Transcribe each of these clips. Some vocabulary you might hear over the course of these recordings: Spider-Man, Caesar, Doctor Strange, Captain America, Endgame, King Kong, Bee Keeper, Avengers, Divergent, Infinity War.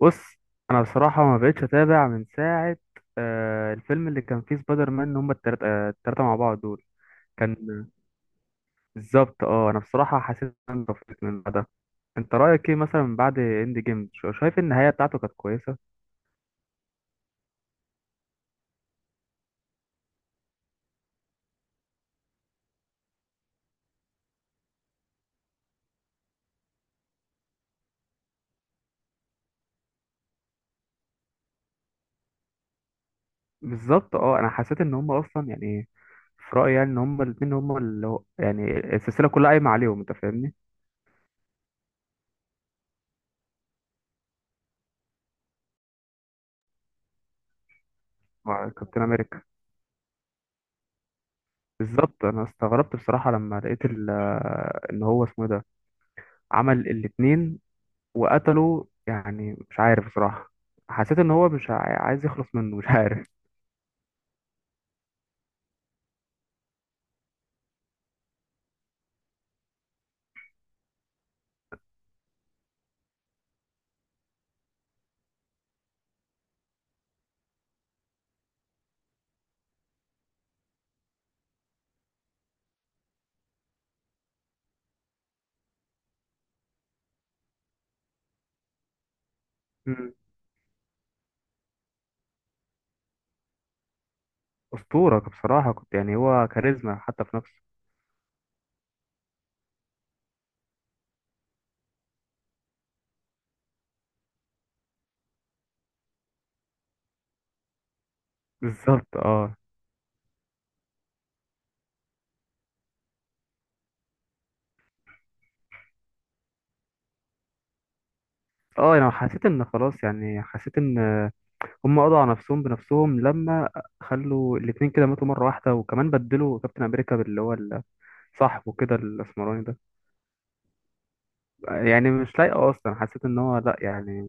بص، انا بصراحه ما بقتش اتابع من ساعه. الفيلم اللي كان فيه سبايدر مان، هم التلاته، التلاته مع بعض دول كان. بالظبط اه، انا بصراحه حسيت ان انا طفيت من ده. انت رايك ايه مثلا من بعد اند جيم؟ شايف النهايه بتاعته كانت كويسه؟ بالظبط اه، انا حسيت ان هم اصلا يعني، في رايي يعني ان هم الاثنين هم اللي هو يعني السلسله كلها قايمه عليهم، انت فاهمني؟ مع كابتن امريكا. بالظبط، انا استغربت بصراحه لما لقيت ان هو اسمه إيه ده عمل الاثنين وقتله، يعني مش عارف بصراحة. حسيت ان هو مش عاي- عايز يخلص منه، مش عارف. مم. أسطورة بصراحة، كنت يعني هو كاريزما حتى في نفسه. بالظبط اه. اه يعني حسيت ان خلاص، يعني حسيت ان هم قضوا على نفسهم بنفسهم لما خلوا الاتنين كده ماتوا مرة واحدة، وكمان بدلوا كابتن امريكا باللي هو ال- صاحبه كده الاسمراني ده. يعني مش لايقة اصلا، حسيت ان هو لا يعني،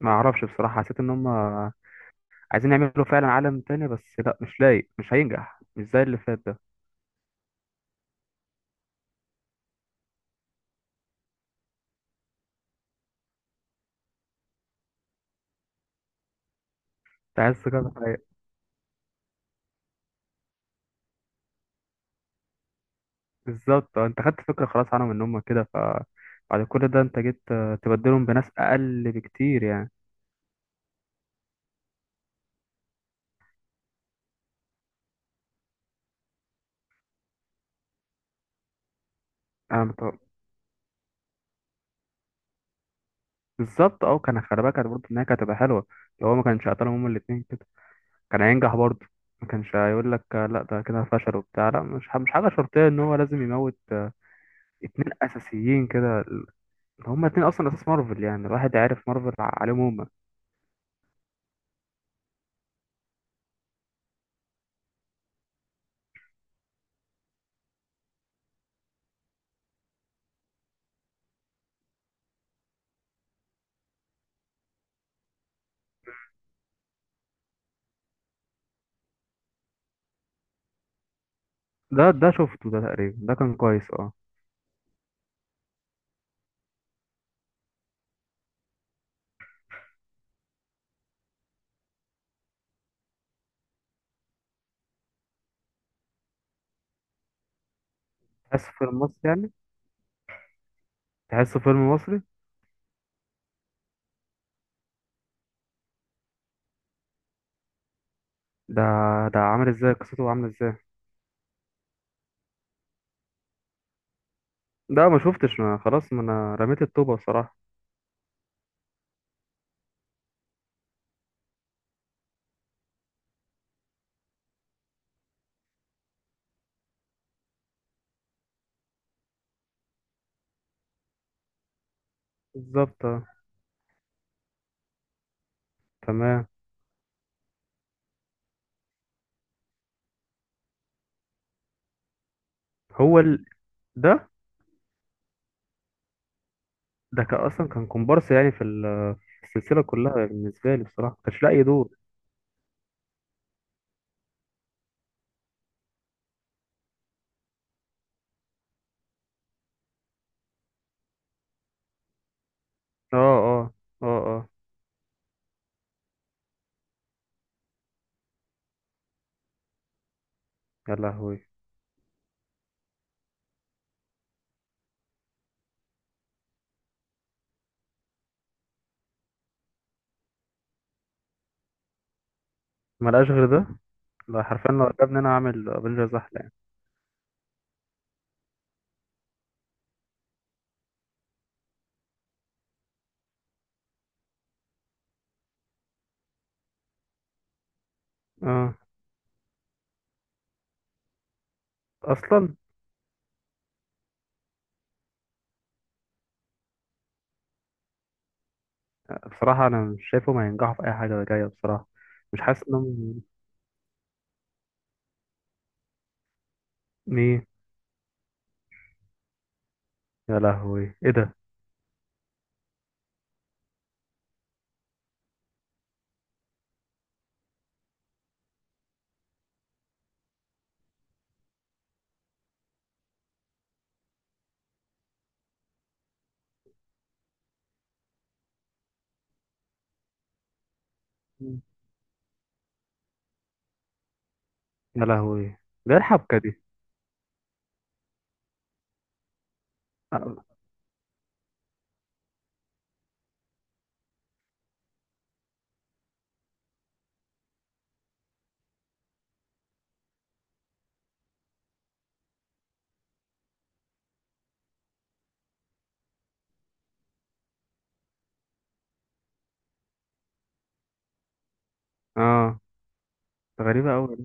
ما اعرفش بصراحة. حسيت ان هم عايزين يعملوا فعلا عالم تاني، بس لا، مش لايق، مش هينجح، مش زي اللي فات ده. انت عايز ثقة في الحقيقة. بالظبط اه، انت خدت فكرة خلاص عنهم ان هم كده، فبعد كل ده انت جيت اه، تبدلهم بناس اقل بكتير يعني. انا مت- بالظبط اه، كان خلي بالك برضه ان هي كانت هتبقى حلوة لو هو ما كانش قتلهم هما الاتنين كده، كان هينجح برضه. ما كانش هيقول لك اه، لا ده كده فشل وبتاع، لا مش مش حاجة شرطية ان هو لازم يموت اه، اتنين اساسيين كده ال-، هما اتنين اصلا اساس مارفل يعني، الواحد عارف مارفل عليهم هما. ده شفته ده تقريبا، ده كان كويس اه. تحس فيلم مصري يعني. تحسه فيلم مصري. ده ده عامل ازاي؟ قصته عامله ازاي؟ ده ما شفتش، ما خلاص، ما انا رميت الطوبه بصراحه. بالظبط آه. تمام. هو ال... ده ده كان اصلا كان كومبارس يعني في ال- في السلسله كلها، بالنسبه لي بصراحه ما كانش لاقي دور. اه اه. اه اه. يا لهوي. ما لقاش غير ده؟ لا حرفيا، لو عجبني انا اعمل افنجرز احلى يعني. اه. اصلا بصراحه انا مش شايفه ما ينجحوا في اي حاجه جايه بصراحه. مش حاسس انهم. ايه؟ يا لهوي، ايه ده؟ يا لهوي، ده إيه الحبكه دي؟ اه. آه. غريبة أوي.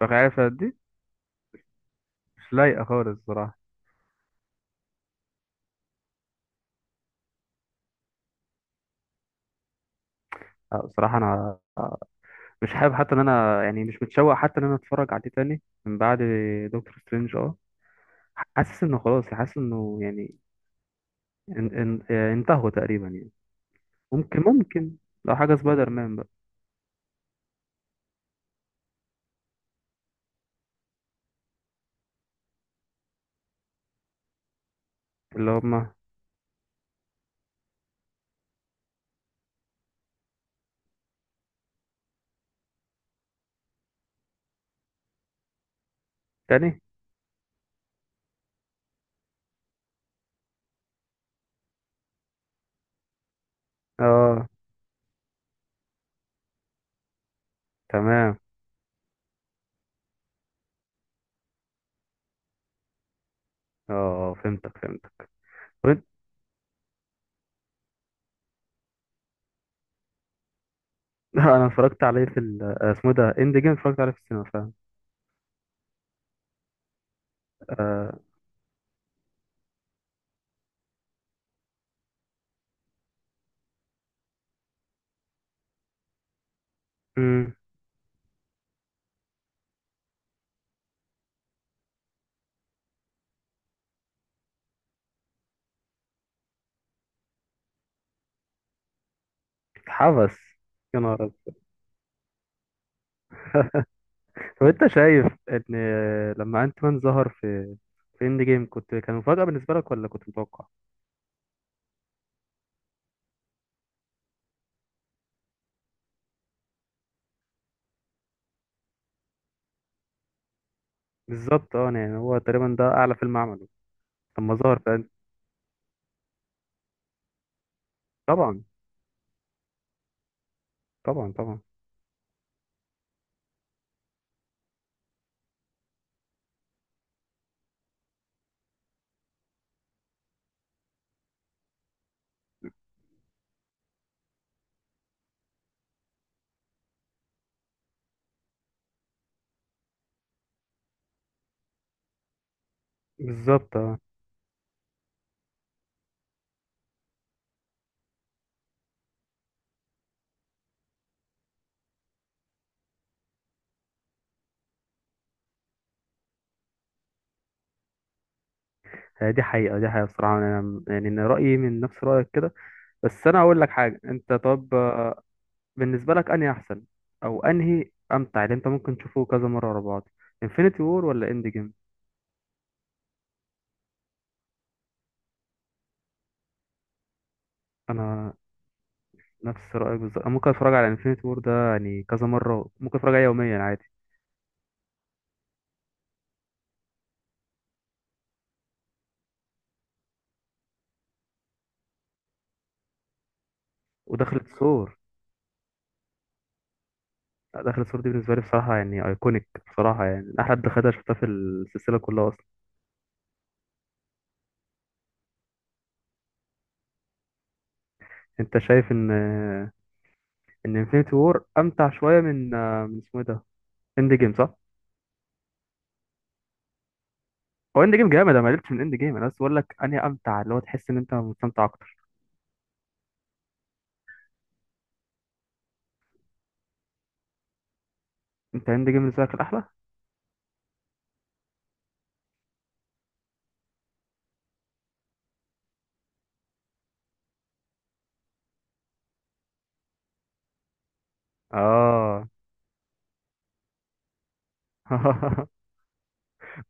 فعارفة دي. مش لايقة خالص بصراحة. آه، بصراحة أنا مش حابب، حتى إن أنا يعني مش متشوق حتى إن أنا أتفرج عليه تاني من بعد دكتور سترينج أه. حاسس إنه خلاص، حاسس إنه يعني ان آه، انتهوا تقريبا يعني. ممكن، ممكن لو حاجة سبايدر مان بقى. اللي هما. تاني؟ أه. تمام. أه، فهمتك، فهمتك. وإنت- أنا اتفرجت عليه في ال- آه، اسمه إيه ده، إند جيم، اتفرجت عليه في السينما فاهم. آه. أمم. اتحبس؟ يا نهار. طب انت شايف ان، لما انت مان ظهر في في اند جيم، كنت كان مفاجأة بالنسبة لك ولا كنت متوقع؟ بالظبط اه، يعني هو تقريبا ده اعلى فيلم عمله لما ظهر في End-. طبعا. طبعا طبعا. بالظبط اه. هي دي حقيقة، دي حقيقة بصراحة، انا يعني ان رأيي من نفس رأيك كده. بس انا هقول لك حاجة، انت طب آه، بالنسبة لك انهي احسن او انهي امتع اللي انت ممكن تشوفه كذا مرة ورا بعض، انفينيتي وور ولا اند جيم؟ انا نفس رأيك بالظبط، أنا ممكن اتفرج على انفينيتي وور ده يعني كذا مرة، ممكن اتفرج عليه يوميا عادي. ودخلة سور. لا، دخلة سور دي بالنسبة لي بصراحة يعني ايكونيك بصراحة، يعني من احلى دخلة شفتها في السلسلة كلها اصلا. انت شايف ان، ان انفينيتي وور امتع شوية من، من اسمه ايه ده، اند جيم، صح؟ هو اند جيم جامد، انا ما قلتش من اند جيم، انا بس بقول لك انهي امتع اللي هو تحس ان انت مستمتع اكتر. انت اند جيم بالنسبة لك الاحلى. اه.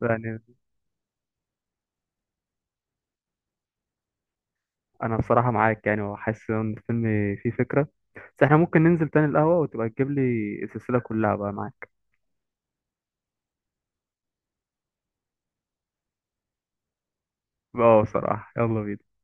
يعني انا بصراحة معاك، يعني وحاسس ان الفيلم فيه فكرة، بس احنا ممكن ننزل تاني القهوة وتبقى تجيب لي السلسلة كلها بقى معاك. اه بصراحة، يلا بينا.